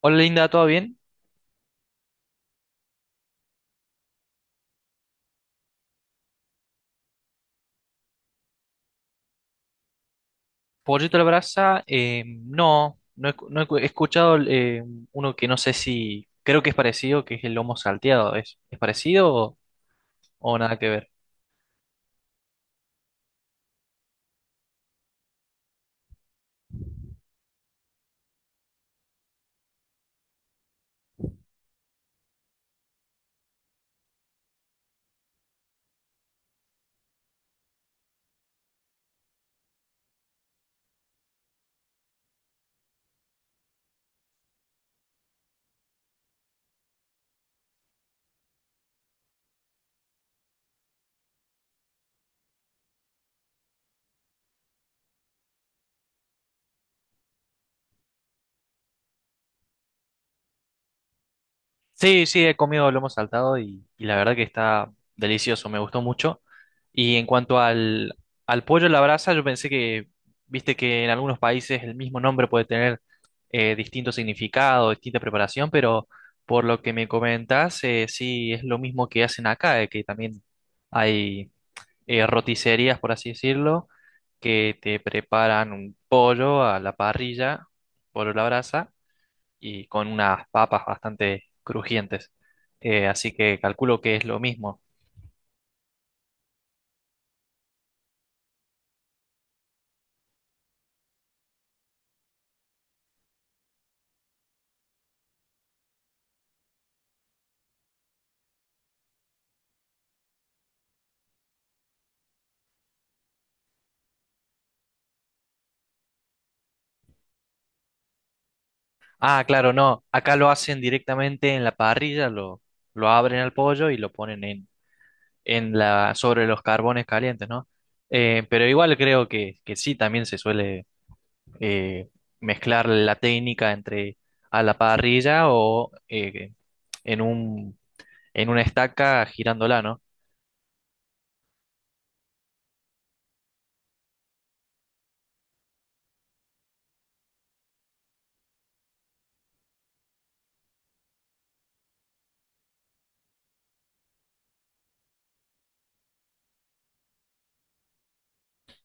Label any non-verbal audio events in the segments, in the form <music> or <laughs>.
Hola Linda, ¿todo bien? Pollito a la brasa, no, no he he escuchado uno que no sé si, creo que es parecido, que es el lomo salteado, ¿ es parecido o nada que ver? Sí, sí, he comido lomo saltado y la verdad que está delicioso, me gustó mucho. Y en cuanto al, al pollo a la brasa, yo pensé que, viste que en algunos países el mismo nombre puede tener distinto significado, distinta preparación, pero por lo que me comentas, sí es lo mismo que hacen acá, que también hay roticerías, por así decirlo, que te preparan un pollo a la parrilla, pollo a la brasa y con unas papas bastante crujientes. Así que calculo que es lo mismo. Ah, claro, no. Acá lo hacen directamente en la parrilla, lo abren al pollo y lo ponen en la, sobre los carbones calientes, ¿no? Pero igual creo que sí, también se suele eh, mezclar la técnica entre a la parrilla o en un, en una estaca girándola, ¿no?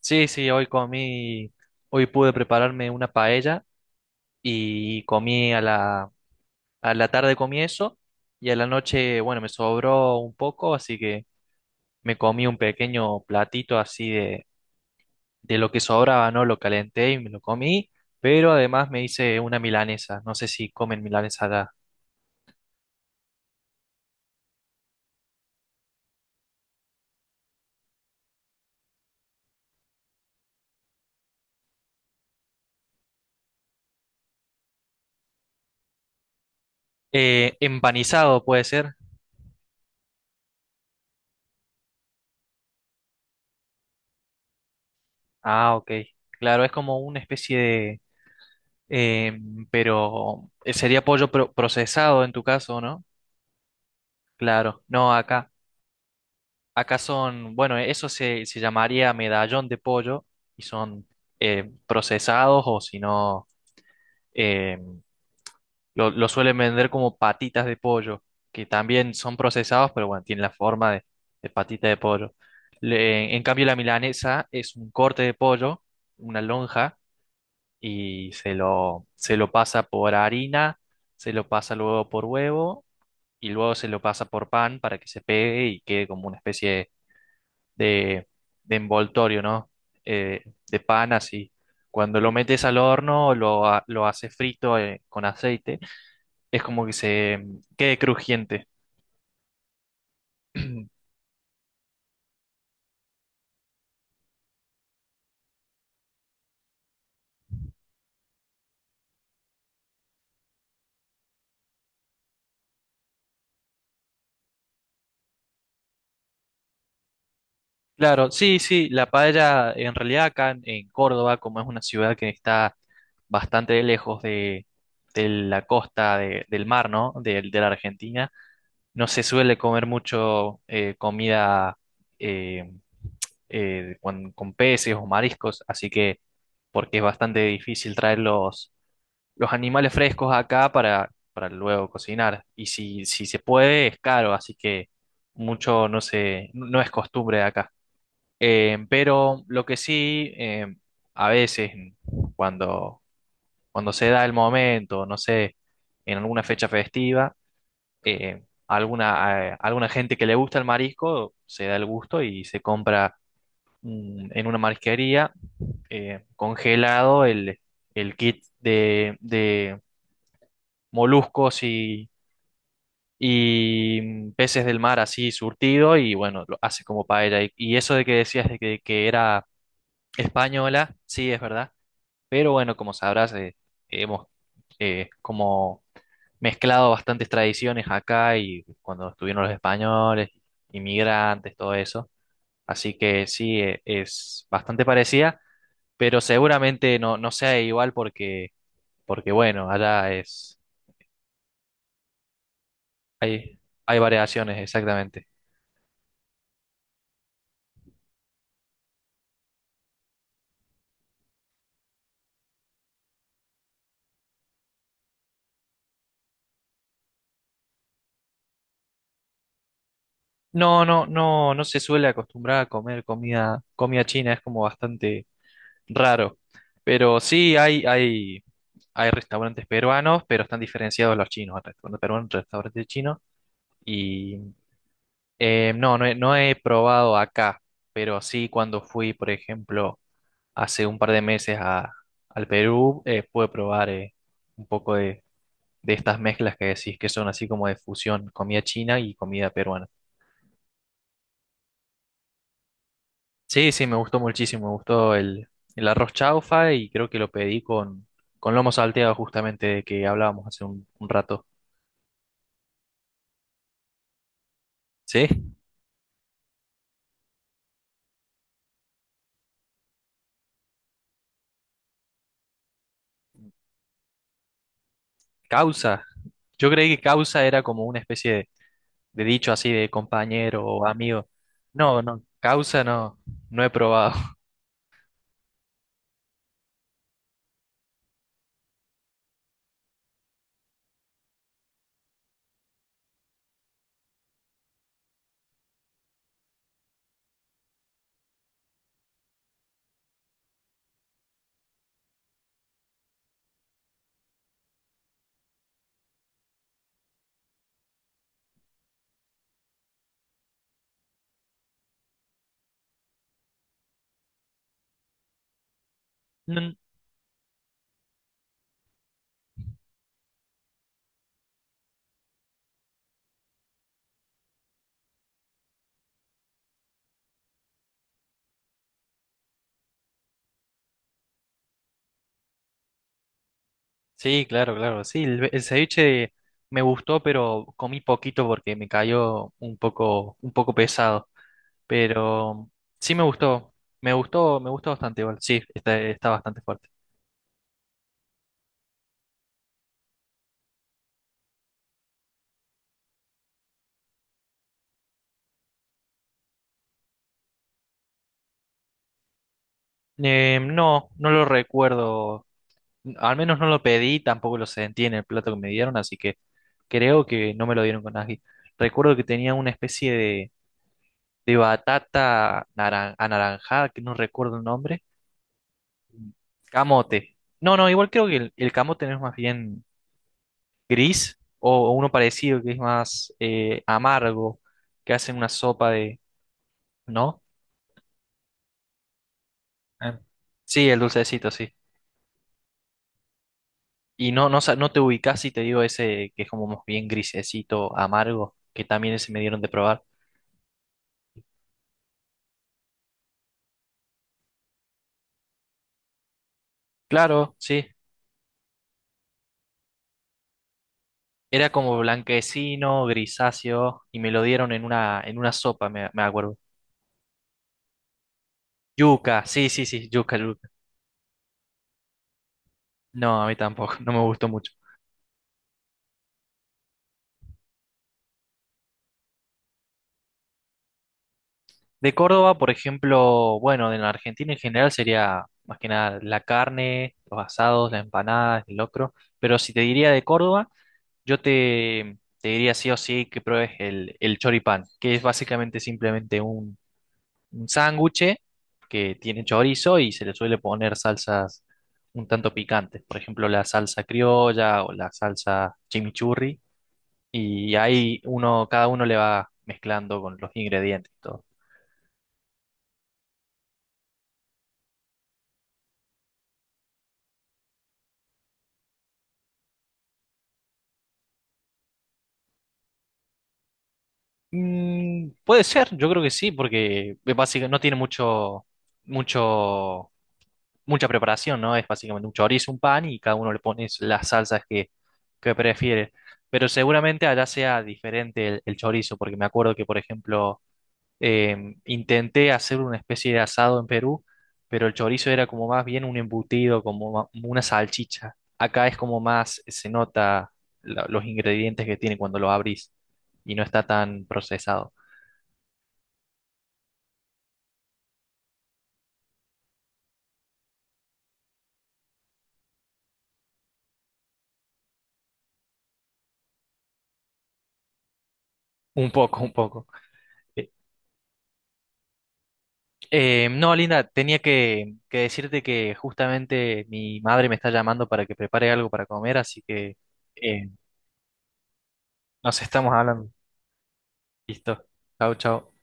Sí, sí, hoy comí, hoy pude prepararme una paella y comí a la tarde comí eso y a la noche, bueno, me sobró un poco, así que me comí un pequeño platito así de lo que sobraba, ¿no? Lo calenté y me lo comí, pero además me hice una milanesa, no sé si comen milanesa acá. Empanizado puede ser. Ah, ok. Claro, es como una especie de eh, pero sería pollo procesado en tu caso, ¿no? Claro, no acá. Acá son, bueno, eso se, se llamaría medallón de pollo y son procesados o si no, eh, lo suelen vender como patitas de pollo, que también son procesados, pero bueno, tienen la forma de patita de pollo. En cambio, la milanesa es un corte de pollo, una lonja, y se lo pasa por harina, se lo pasa luego por huevo y luego se lo pasa por pan para que se pegue y quede como una especie de, de envoltorio, ¿no? Eh, de pan así. Cuando lo metes al horno, lo, lo haces frito con aceite, es como que se quede crujiente. <clears throat> Claro, sí, sí, la paella en realidad acá en Córdoba, como es una ciudad que está bastante lejos de la costa del mar, ¿no? De la Argentina, no se suele comer mucho comida eh, con peces o mariscos, así que porque es bastante difícil traer los animales frescos acá para luego cocinar. Y si, si se puede, es caro, así que mucho no se, no es costumbre acá. Pero lo que sí, a veces cuando, cuando se da el momento, no sé, en alguna fecha festiva, alguna, alguna gente que le gusta el marisco se da el gusto y se compra en una marisquería congelado el kit de moluscos y peces del mar así surtido y bueno, lo hace como paella. Y eso de que decías de que era española, sí, es verdad, pero bueno, como sabrás, hemos como mezclado bastantes tradiciones acá y cuando estuvieron los españoles, inmigrantes, todo eso. Así que sí, es bastante parecida, pero seguramente no, no sea igual porque porque bueno, allá es, hay, hay variaciones, exactamente. No, no, no, no se suele acostumbrar a comer comida, comida china, es como bastante raro. Pero sí hay restaurantes peruanos, pero están diferenciados los chinos, restaurantes peruanos, restaurantes chinos. Y no, no he probado acá, pero sí cuando fui, por ejemplo, hace un par de meses a, al Perú, pude probar un poco de estas mezclas que decís que son así como de fusión, comida china y comida peruana. Sí, sí, me gustó muchísimo, me gustó el arroz chaufa y creo que lo pedí con lomo salteado justamente de que hablábamos hace un rato. Sí, causa. Yo creí que causa era como una especie de dicho así de compañero o amigo. No, no, causa no, no he probado. <laughs> Sí, claro, claro. Sí, el ceviche me gustó, pero comí poquito porque me cayó un poco pesado. Pero sí me gustó. Me gustó, me gustó bastante igual. Sí, está, está bastante fuerte. No, no lo recuerdo. Al menos no lo pedí, tampoco lo sentí en el plato que me dieron, así que creo que no me lo dieron con ají. Recuerdo que tenía una especie de batata anaranjada, que no recuerdo el nombre. Camote. No, no, igual creo que el camote no es más bien gris o uno parecido que es más amargo, que hacen una sopa de, ¿no? Ah. Sí, el dulcecito, sí. Y no, no, no te ubicás si te digo ese que es como más bien grisecito, amargo, que también ese me dieron de probar. Claro, sí. Era como blanquecino, grisáceo, y me lo dieron en una sopa, me acuerdo. Yuca, sí, sí, sí, yuca, yuca. No, a mí tampoco, <laughs> no me gustó mucho. De Córdoba, por ejemplo, bueno, en la Argentina en general sería más que nada la carne, los asados, las empanadas, el locro. Pero si te diría de Córdoba, yo te, te diría sí o sí que pruebes el choripán, que es básicamente simplemente un sándwich que tiene chorizo y se le suele poner salsas un tanto picantes. Por ejemplo, la salsa criolla o la salsa chimichurri. Y ahí uno, cada uno le va mezclando con los ingredientes y todo. Mm, puede ser, yo creo que sí, porque es no tiene mucho, mucho, mucha preparación, ¿no? Es básicamente un chorizo, un pan y cada uno le pone las salsas que prefiere. Pero seguramente allá sea diferente el chorizo, porque me acuerdo que, por ejemplo, intenté hacer una especie de asado en Perú, pero el chorizo era como más bien un embutido, como una salchicha. Acá es como más, se nota los ingredientes que tiene cuando lo abrís y no está tan procesado. Un poco, un poco. Eh, no, Linda, tenía que decirte que justamente mi madre me está llamando para que prepare algo para comer, así que eh, nos estamos hablando. Listo. Chao, chao.